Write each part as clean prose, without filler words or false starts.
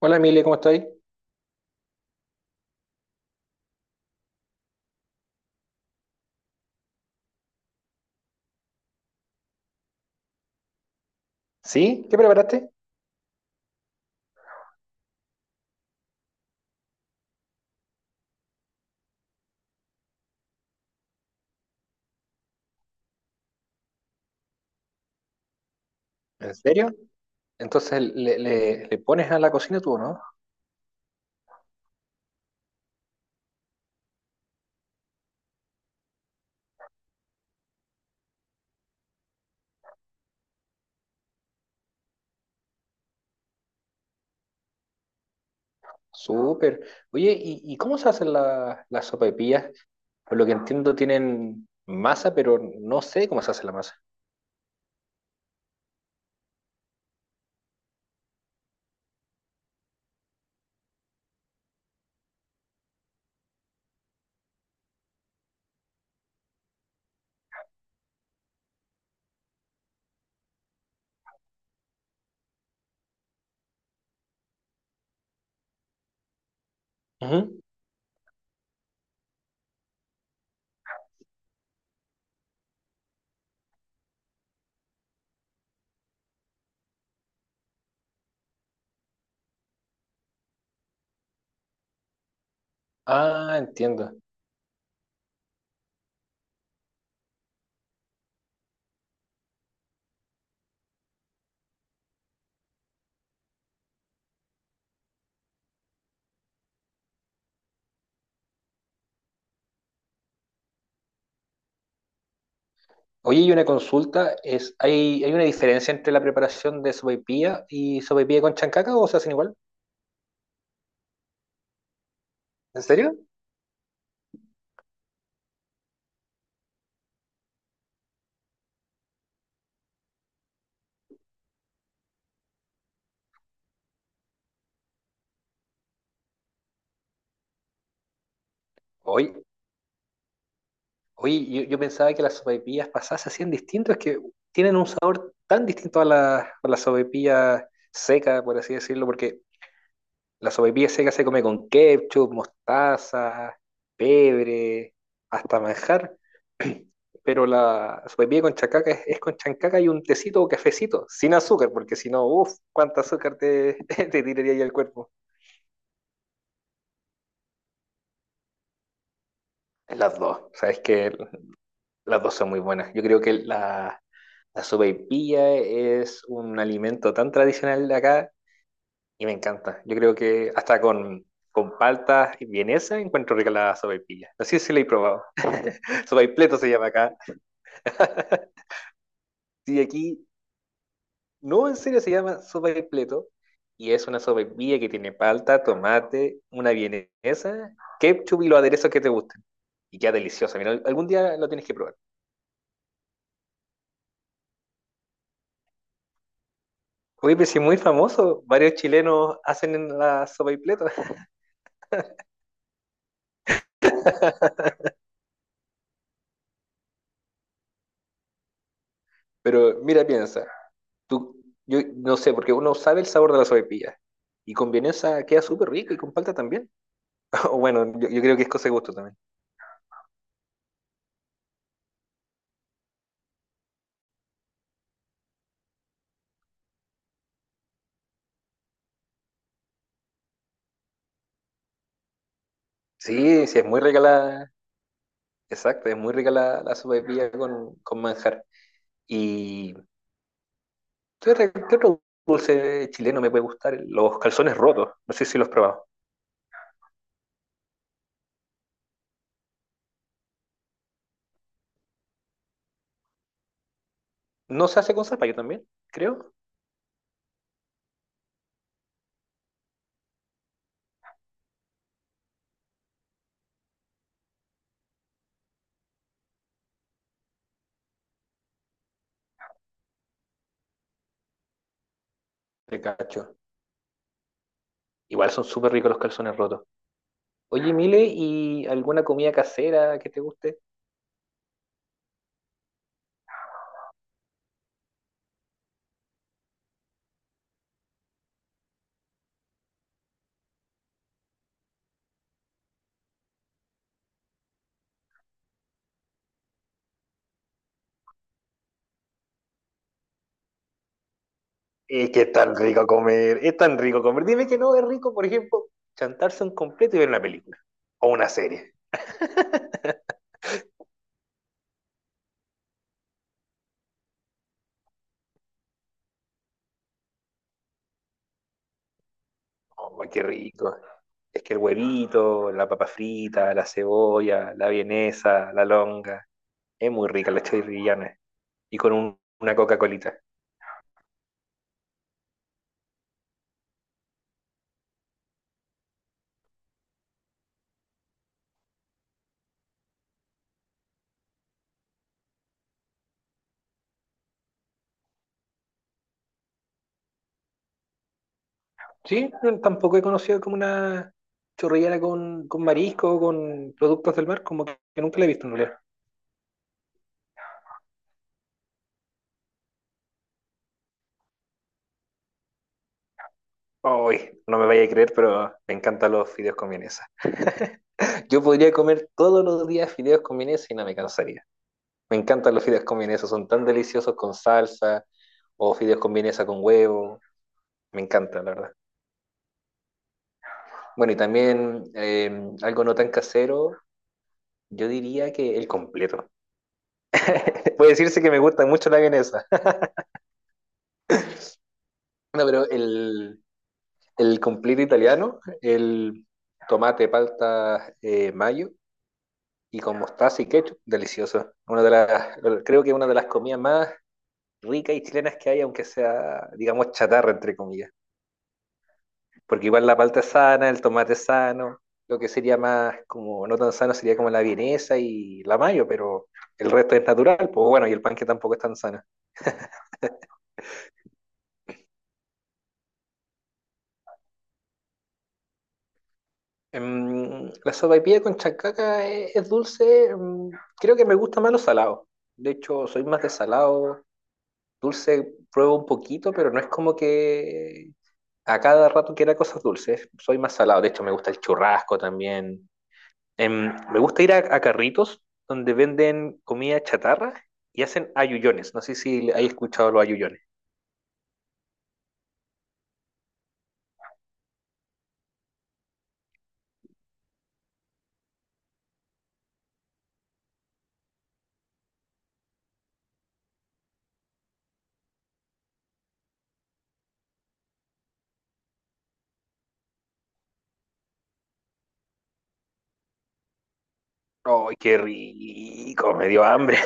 Hola Emilia, ¿cómo estáis? ¿Sí? ¿Qué preparaste? ¿En serio? Entonces le pones a la cocina tú, ¿no? Súper. Oye, ¿y cómo se hacen las sopaipillas? Por lo que entiendo tienen masa, pero no sé cómo se hace la masa. Ujú. Ah, entiendo. Oye, y una consulta, es, ¿hay una diferencia entre la preparación de sopaipilla y sopaipilla con chancaca o se hacen igual? ¿En serio? Oye, Oye, yo pensaba que las sopaipillas pasadas se hacían distintas, es que tienen un sabor tan distinto a la sopaipilla seca, por así decirlo, porque la sopaipilla seca se come con ketchup, mostaza, pebre, hasta manjar, pero la sopaipilla con chancaca es con chancaca y un tecito o cafecito, sin azúcar, porque si no, uff, cuánta azúcar te, te tiraría ahí al cuerpo. Las dos, sabes que las dos son muy buenas. Yo creo que la sopaipilla es un alimento tan tradicional de acá y me encanta. Yo creo que hasta con palta y vienesa encuentro rica la sopaipilla. No sé si la he probado. Sopaipleto se llama acá. Sí, aquí, no, en serio se llama sopaipleto y es una sopaipilla que tiene palta, tomate, una vienesa, ketchup y los aderezos que te gusten. Y queda deliciosa. Mira, algún día lo tienes que probar. Oye, pero sí, muy famoso, varios chilenos hacen en la sopaipileta. Pero mira, piensa, tú, yo no sé, porque uno sabe el sabor de la sopaipilla. Y con vienesa queda súper rico y con palta también. O bueno, yo creo que es cosa de gusto también. Sí, sí, es muy rica la. Exacto, es muy rica la sopaipilla con manjar. ¿Y qué otro dulce chileno me puede gustar? Los calzones rotos. No sé si los he probado. No se hace con zapallo también, creo. De cacho. Igual son súper ricos los calzones rotos. Oye, Mile, ¿y alguna comida casera que te guste? Es que es tan rico comer, es tan rico comer. Dime que no es rico, por ejemplo, chantarse un completo y ver una película o una serie. Oh, qué rico. Es que el huevito, la papa frita, la cebolla, la vienesa, la longa, es muy rica la chorrillana. Y con una Coca-Colita. Sí, no, tampoco he conocido como una chorrillana con marisco, con productos del mar, como que nunca la he visto en realidad. Uy, no me vaya a creer, pero me encantan los fideos con vienesa. Yo podría comer todos los días fideos con vienesa y no me cansaría. Me encantan los fideos con vienesa, son tan deliciosos con salsa o fideos con vienesa con huevo. Me encanta, la verdad. Bueno, y también algo no tan casero, yo diría que el completo. Puede decirse que me gusta mucho la vienesa. No, pero el completo italiano, el tomate, palta, mayo y con mostaza y ketchup, delicioso. Una de las, creo que es una de las comidas más ricas y chilenas que hay, aunque sea, digamos, chatarra, entre comillas. Porque igual la palta es sana, el tomate es sano, lo que sería más como, no tan sano sería como la vienesa y la mayo, pero el resto es natural, pues bueno, y el pan que tampoco es tan sano. La sopaipilla con chancaca es dulce, creo que me gusta más lo salado. De hecho, soy más de salado, dulce pruebo un poquito, pero no es como que a cada rato quiera cosas dulces. Soy más salado. De hecho, me gusta el churrasco también. Me gusta ir a carritos donde venden comida chatarra y hacen ayuyones. No sé si hay escuchado los ayuyones. ¡Ay, qué rico! Me dio hambre.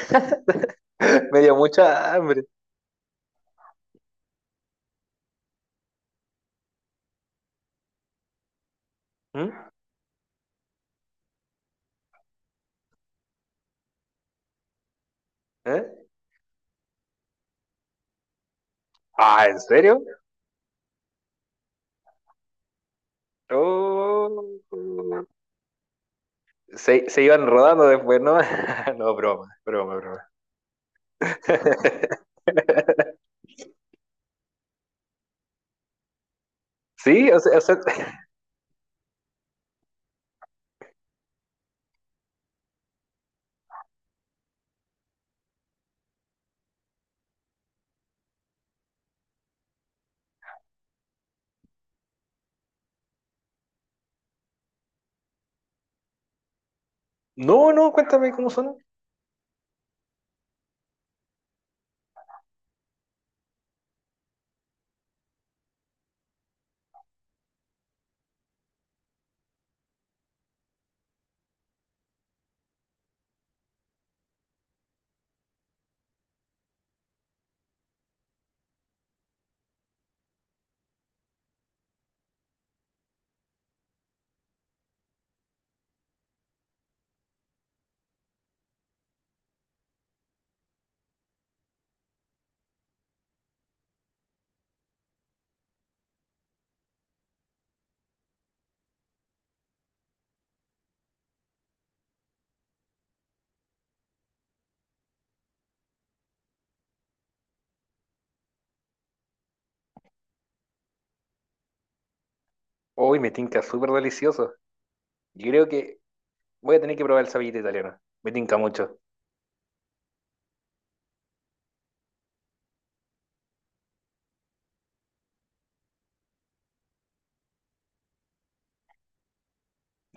Me dio mucha hambre. ¿Mm? ¿Eh? Ah, ¿en serio? Oh. Se iban rodando después, ¿no? No, broma, broma, broma. Sí, o sea, no, no, cuéntame cómo son. Uy, me tinca súper delicioso. Yo creo que voy a tener que probar el sapito italiano. Me tinca mucho.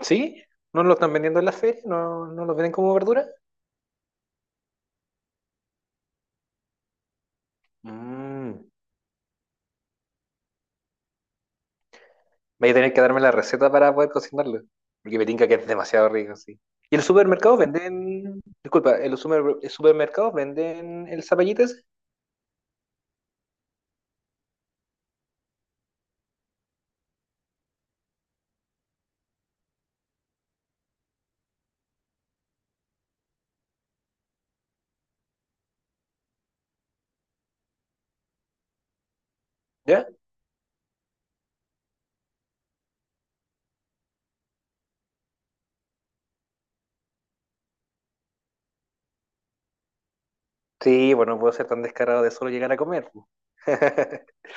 ¿Sí? ¿No lo están vendiendo en las ferias? ¿No, no los venden como verdura? Mm. Voy a tener que darme la receta para poder cocinarlo. Porque me tinca que es demasiado rico, sí. ¿Y en los supermercados venden... Disculpa, ¿en los supermercados venden el zapallito ese? ¿Ya? Sí, bueno, no puedo ser tan descarado de solo llegar a comer. Po.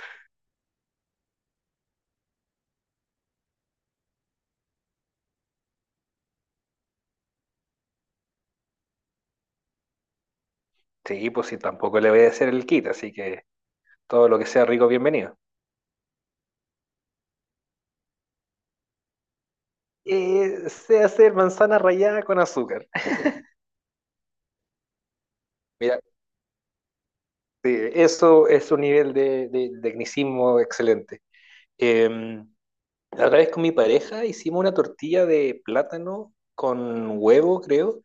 Sí, pues sí, tampoco le voy a hacer el kit, así que todo lo que sea rico, bienvenido. Se hace manzana rallada con azúcar. Mira, sí, eso es un nivel de tecnicismo excelente. La otra vez con mi pareja hicimos una tortilla de plátano con huevo, creo,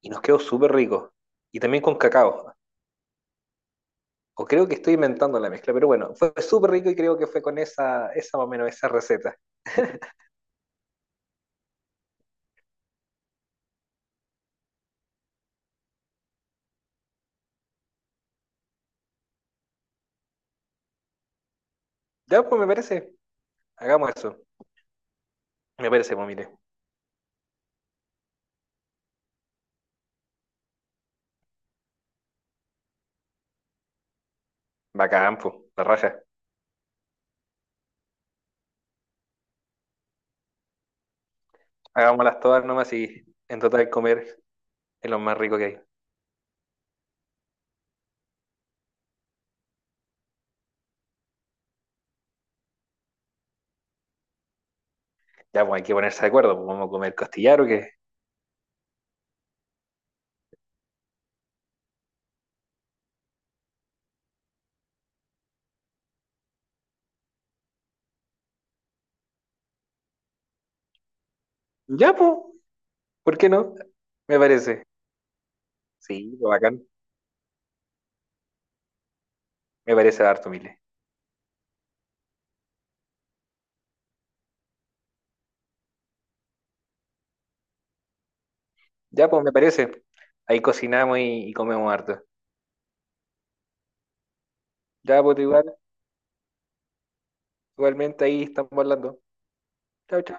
y nos quedó súper rico. Y también con cacao. O creo que estoy inventando la mezcla, pero bueno, fue súper rico y creo que fue con esa, esa más o menos, esa receta. Ya, pues me parece, hagamos eso. Me parece, pues mire, bacán, pues, la raja. Hagámoslas todas nomás y en total comer es lo más rico que hay. Ya, pues hay que ponerse de acuerdo, pues vamos a comer costillar o qué. Ya, pues, ¿por qué no? Me parece. Sí, pues, bacán. Me parece harto, Mile. Ya, pues, me parece. Ahí cocinamos y comemos harto. Ya, pues, igual, igualmente ahí estamos hablando. Chao, chao.